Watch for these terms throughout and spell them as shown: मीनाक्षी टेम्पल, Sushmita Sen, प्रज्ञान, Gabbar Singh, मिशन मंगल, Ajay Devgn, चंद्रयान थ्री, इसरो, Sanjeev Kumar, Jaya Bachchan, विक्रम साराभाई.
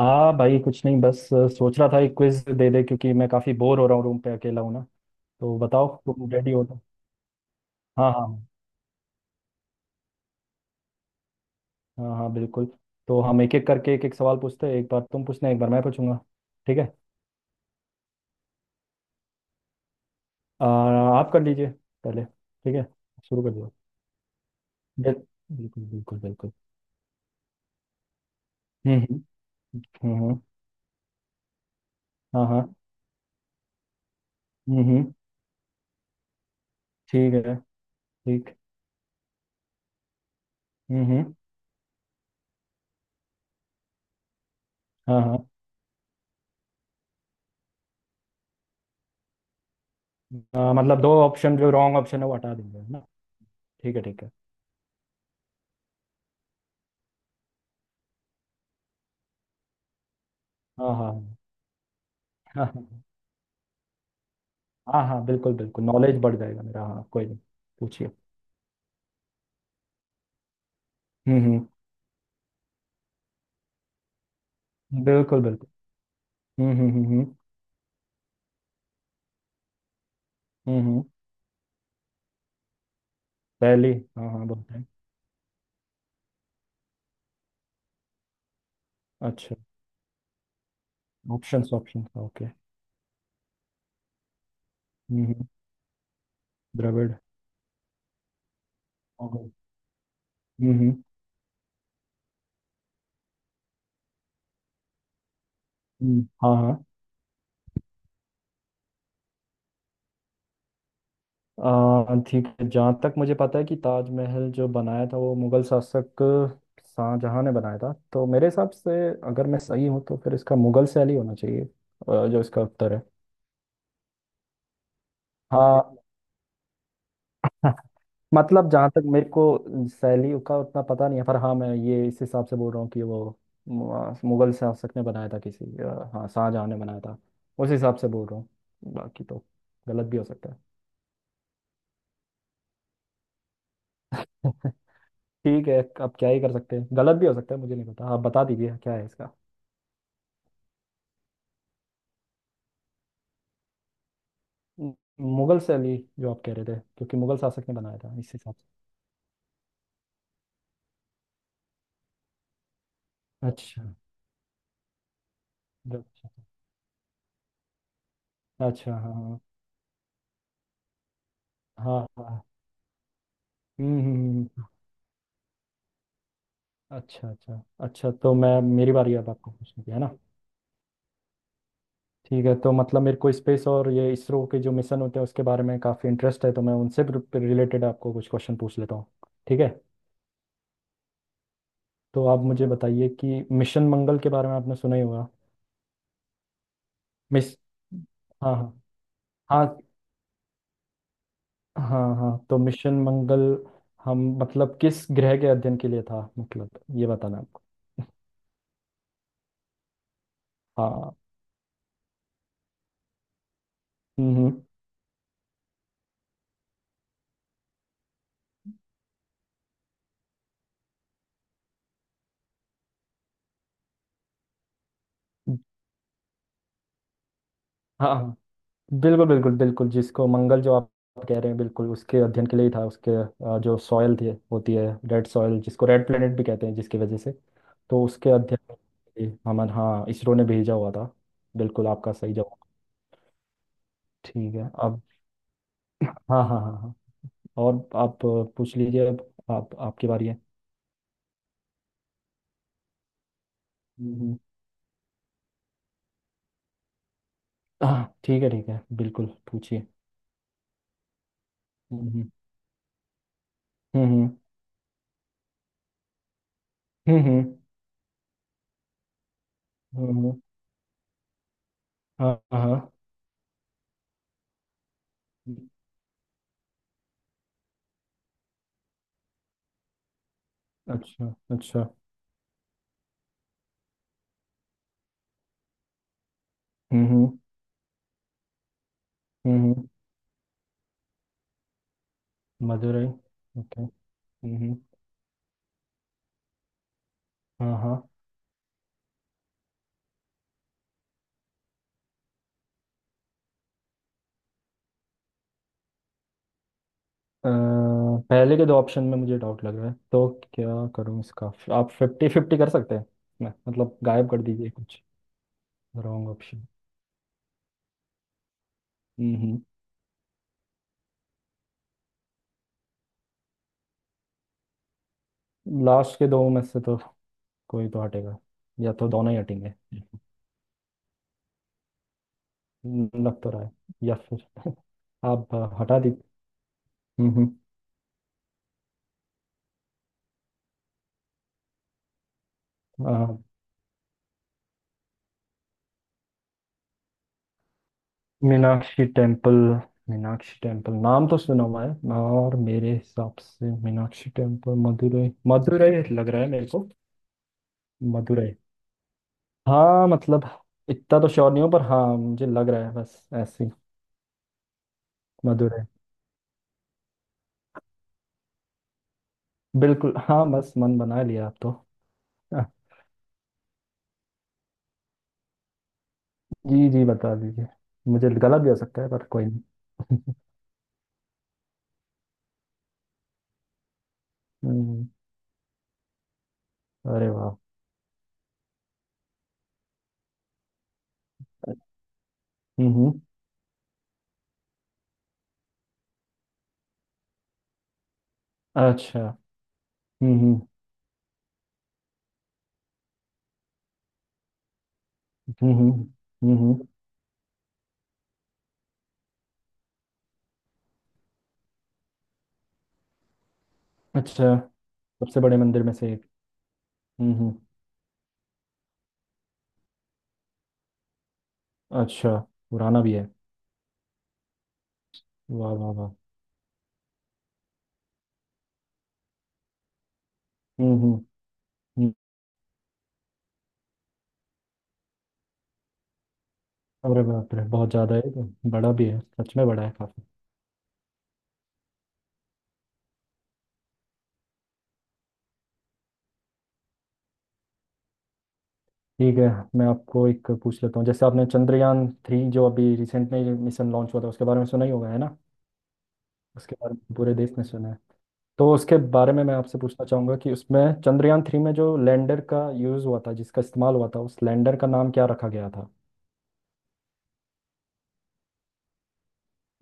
हाँ भाई कुछ नहीं बस सोच रहा था एक क्विज दे दे क्योंकि मैं काफ़ी बोर हो रहा हूँ रूम पे अकेला हूँ ना। तो बताओ तुम रेडी हो तो। हाँ हाँ। हाँ हाँ बिल्कुल। तो हम एक एक करके एक एक सवाल पूछते हैं, एक बार तुम पूछना एक बार मैं पूछूंगा। ठीक है, आप कर लीजिए। पहले ठीक है। शुरू कर दो। बिल- बिल्कुल बिल्कुल बिल्कुल। हम्म। हम्म। हाँ हाँ। हम्म। ठीक है ठीक। हम्म। हाँ हाँ। मतलब दो ऑप्शन जो रॉन्ग ऑप्शन है वो हटा देंगे है ना। ठीक है ठीक है। हाँ हाँ हाँ। हाँ, हाँ। हाँ हाँ बिल्कुल बिल्कुल, नॉलेज बढ़ जाएगा मेरा, हाँ कोई नहीं। पूछिए। हम्म। बिल्कुल बिल्कुल। हम्म। हम्म। पहली। हाँ हाँ बोलते हैं। अच्छा। Options options, okay. हम्म। द्रविड़। मुगल। हम्म। हाँ हाँ। ठीक है, जहाँ तक मुझे पता है कि ताजमहल जो बनाया था वो मुगल शासक शाहजहां ने बनाया था, तो मेरे हिसाब से अगर मैं सही हूँ तो फिर इसका मुगल शैली होना चाहिए, जो इसका उत्तर है। हाँ मतलब जहाँ तक मेरे को शैली का उतना पता नहीं है, पर हाँ, मैं ये इस हिसाब से बोल रहा हूँ कि वो मुगल शासक ने बनाया था किसी, हाँ शाहजहाँ ने बनाया था, उस हिसाब से बोल रहा हूँ। बाकी तो गलत भी हो सकता है ठीक है, अब क्या ही कर सकते हैं, गलत भी हो सकता है, मुझे नहीं पता, आप बता दीजिए क्या है इसका। मु- मुगल शैली जो आप कह रहे थे, क्योंकि मुगल शासक ने बनाया था इस हिसाब से। अच्छा अच्छा अच्छा। हाँ हाँ हाँ, हाँ। हम्म हम्म, हम्म, हम्म। अच्छा अच्छा अच्छा, तो मैं, मेरी बारी अब आपको पूछने की है ना। ठीक है, तो मतलब मेरे को स्पेस और ये इसरो के जो मिशन होते हैं उसके बारे में काफ़ी इंटरेस्ट है, तो मैं उनसे रिलेटेड आपको कुछ क्वेश्चन पूछ लेता हूँ। ठीक है, तो आप मुझे बताइए कि मिशन मंगल के बारे में आपने सुना ही होगा। मिस हाँ हाँ। हाँ हाँ हाँ। तो मिशन मंगल हम मतलब किस ग्रह के अध्ययन के लिए था, मतलब ये बताना आपको। हाँ। हम्म हम्म। हाँ हाँ। बिल्कुल बिल्कुल बिल्कुल, जिसको मंगल जो आप कह रहे हैं, बिल्कुल उसके अध्ययन के लिए ही था उसके, जो सॉयल थी, होती है, रेड सॉयल, जिसको रेड प्लेनेट भी कहते हैं, जिसकी वजह से तो उसके अध्ययन के लिए हमारे, हाँ, इसरो ने भेजा हुआ था। बिल्कुल आपका सही जवाब। ठीक है अब। हाँ हाँ हाँ हाँ। और आप पूछ लीजिए अब। आप आपकी बारी है। हम्म, हाँ ठीक है बिल्कुल, पूछिए। हम्म हम्म हम्म हम्म। हम्म। हाँ हाँ। अच्छा अच्छा। हम्म। हम्म। मदुरई। ओके। हम्म। हाँ हाँ। अ, पहले के दो ऑप्शन में मुझे डाउट लग रहा है, तो क्या करूँ इसका। आप फिफ्टी फिफ्टी कर सकते हैं। मैं, मतलब गायब कर दीजिए कुछ। Wrong option. हम्म। लास्ट के दो में से तो कोई तो हटेगा, या तो दोनों ही हटेंगे। लग तो रहा है, या फिर आप हटा दी। हम्म। अ, मीनाक्षी टेम्पल, मीनाक्षी टेम्पल नाम तो सुना हुआ है, और मेरे हिसाब से मीनाक्षी टेम्पल मदुरई, मदुरई लग रहा है मेरे को। मदुरई हाँ, मतलब इतना तो श्योर नहीं हूँ, पर हाँ, मुझे लग रहा है, बस ऐसे ही। मदुरई। बिल्कुल हाँ, बस मन बना लिया आप तो। हाँ। जी जी बता दीजिए। मुझे गलत भी हो सकता है पर कोई नहीं। हम्म। अरे वाह। हम्म। अच्छा। हम्म हम्म हम्म हम्म, हम्म। अच्छा। सबसे बड़े मंदिर में से एक। हम्म। अच्छा। पुराना भी है। वाह वाह वाह। हम्म हम्म हम्म। अरे बाप रे, बहुत ज़्यादा है ये तो, बड़ा भी है, सच में बड़ा है काफी। ठीक है, मैं आपको एक पूछ लेता हूँ, जैसे आपने चंद्रयान थ्री जो अभी रिसेंट में मिशन लॉन्च हुआ था उसके बारे में सुना ही होगा है ना। उसके बारे में पूरे देश ने सुना है। तो उसके बारे में मैं आपसे पूछना चाहूँगा कि उसमें चंद्रयान थ्री में जो लैंडर का यूज़ हुआ था, जिसका इस्तेमाल हुआ था, उस लैंडर का नाम क्या रखा गया था।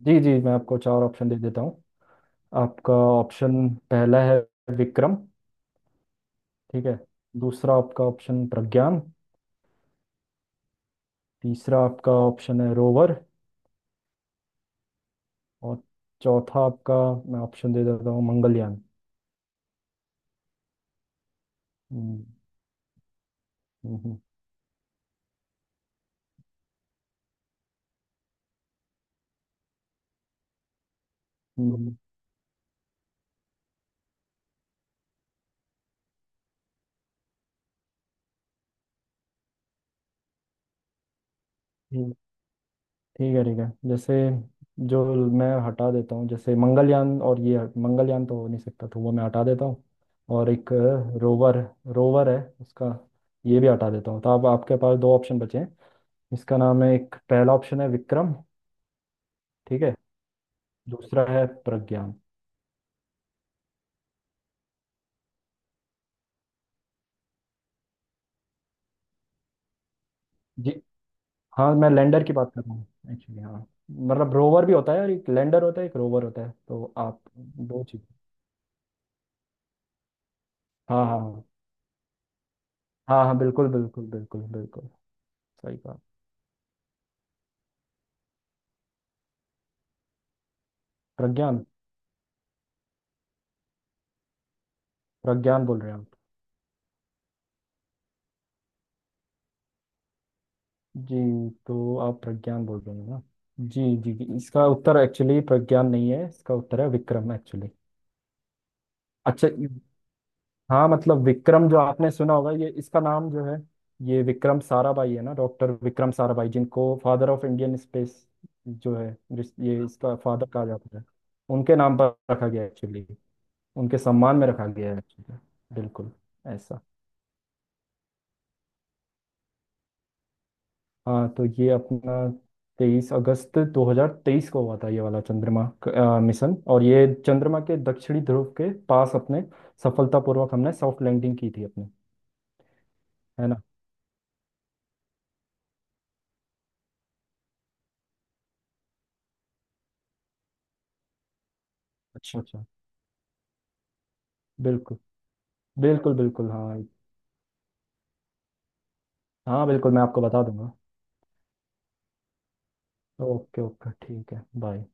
जी जी मैं आपको चार ऑप्शन दे देता हूँ। आपका ऑप्शन पहला है विक्रम। ठीक है। दूसरा आपका ऑप्शन प्रज्ञान। तीसरा आपका ऑप्शन है रोवर। और चौथा आपका, मैं ऑप्शन दे देता हूँ, मंगलयान। हम्म, हम्म। ठीक। ठीक है ठीक है। जैसे जो मैं हटा देता हूँ, जैसे मंगलयान और ये मंगलयान तो हो नहीं सकता, तो वो मैं हटा देता हूँ। और एक रोवर, रोवर है उसका, ये भी हटा देता हूँ। तो अब आपके पास दो ऑप्शन बचे हैं। इसका नाम है, एक पहला ऑप्शन है विक्रम। ठीक है। दूसरा है प्रज्ञान। जी। हाँ मैं लैंडर की बात कर रहा हूँ, एक्चुअली। हाँ, मतलब रोवर भी होता है, और एक लैंडर होता है, एक रोवर होता है, तो आप दो चीज। हाँ हाँ हाँ। हाँ हाँ बिल्कुल बिल्कुल बिल्कुल बिल्कुल। सही कहा। प्रज्ञान। प्रज्ञान बोल रहे हैं आप। जी तो आप प्रज्ञान बोल रहे हैं ना। जी जी जी, इसका उत्तर एक्चुअली प्रज्ञान नहीं है, इसका उत्तर है विक्रम एक्चुअली। अच्छा। हाँ, मतलब विक्रम जो आपने सुना होगा, ये इसका नाम जो है, ये विक्रम साराभाई है ना, डॉक्टर विक्रम साराभाई, जिनको फादर ऑफ इंडियन स्पेस जो है, जिस ये इसका फादर कहा जाता है, उनके नाम पर रखा गया एक्चुअली, उनके सम्मान में रखा गया है actually। बिल्कुल ऐसा। हाँ तो ये अपना तेईस अगस्त 2023 को हुआ था, ये वाला चंद्रमा मिशन, और ये चंद्रमा के दक्षिणी ध्रुव के पास अपने सफलतापूर्वक हमने सॉफ्ट लैंडिंग की थी अपने। है ना। अच्छा अच्छा। बिल्कुल बिल्कुल बिल्कुल। हाँ, हाँ, बिल्कुल, मैं आपको बता दूंगा। ओके ओके ठीक है, बाय।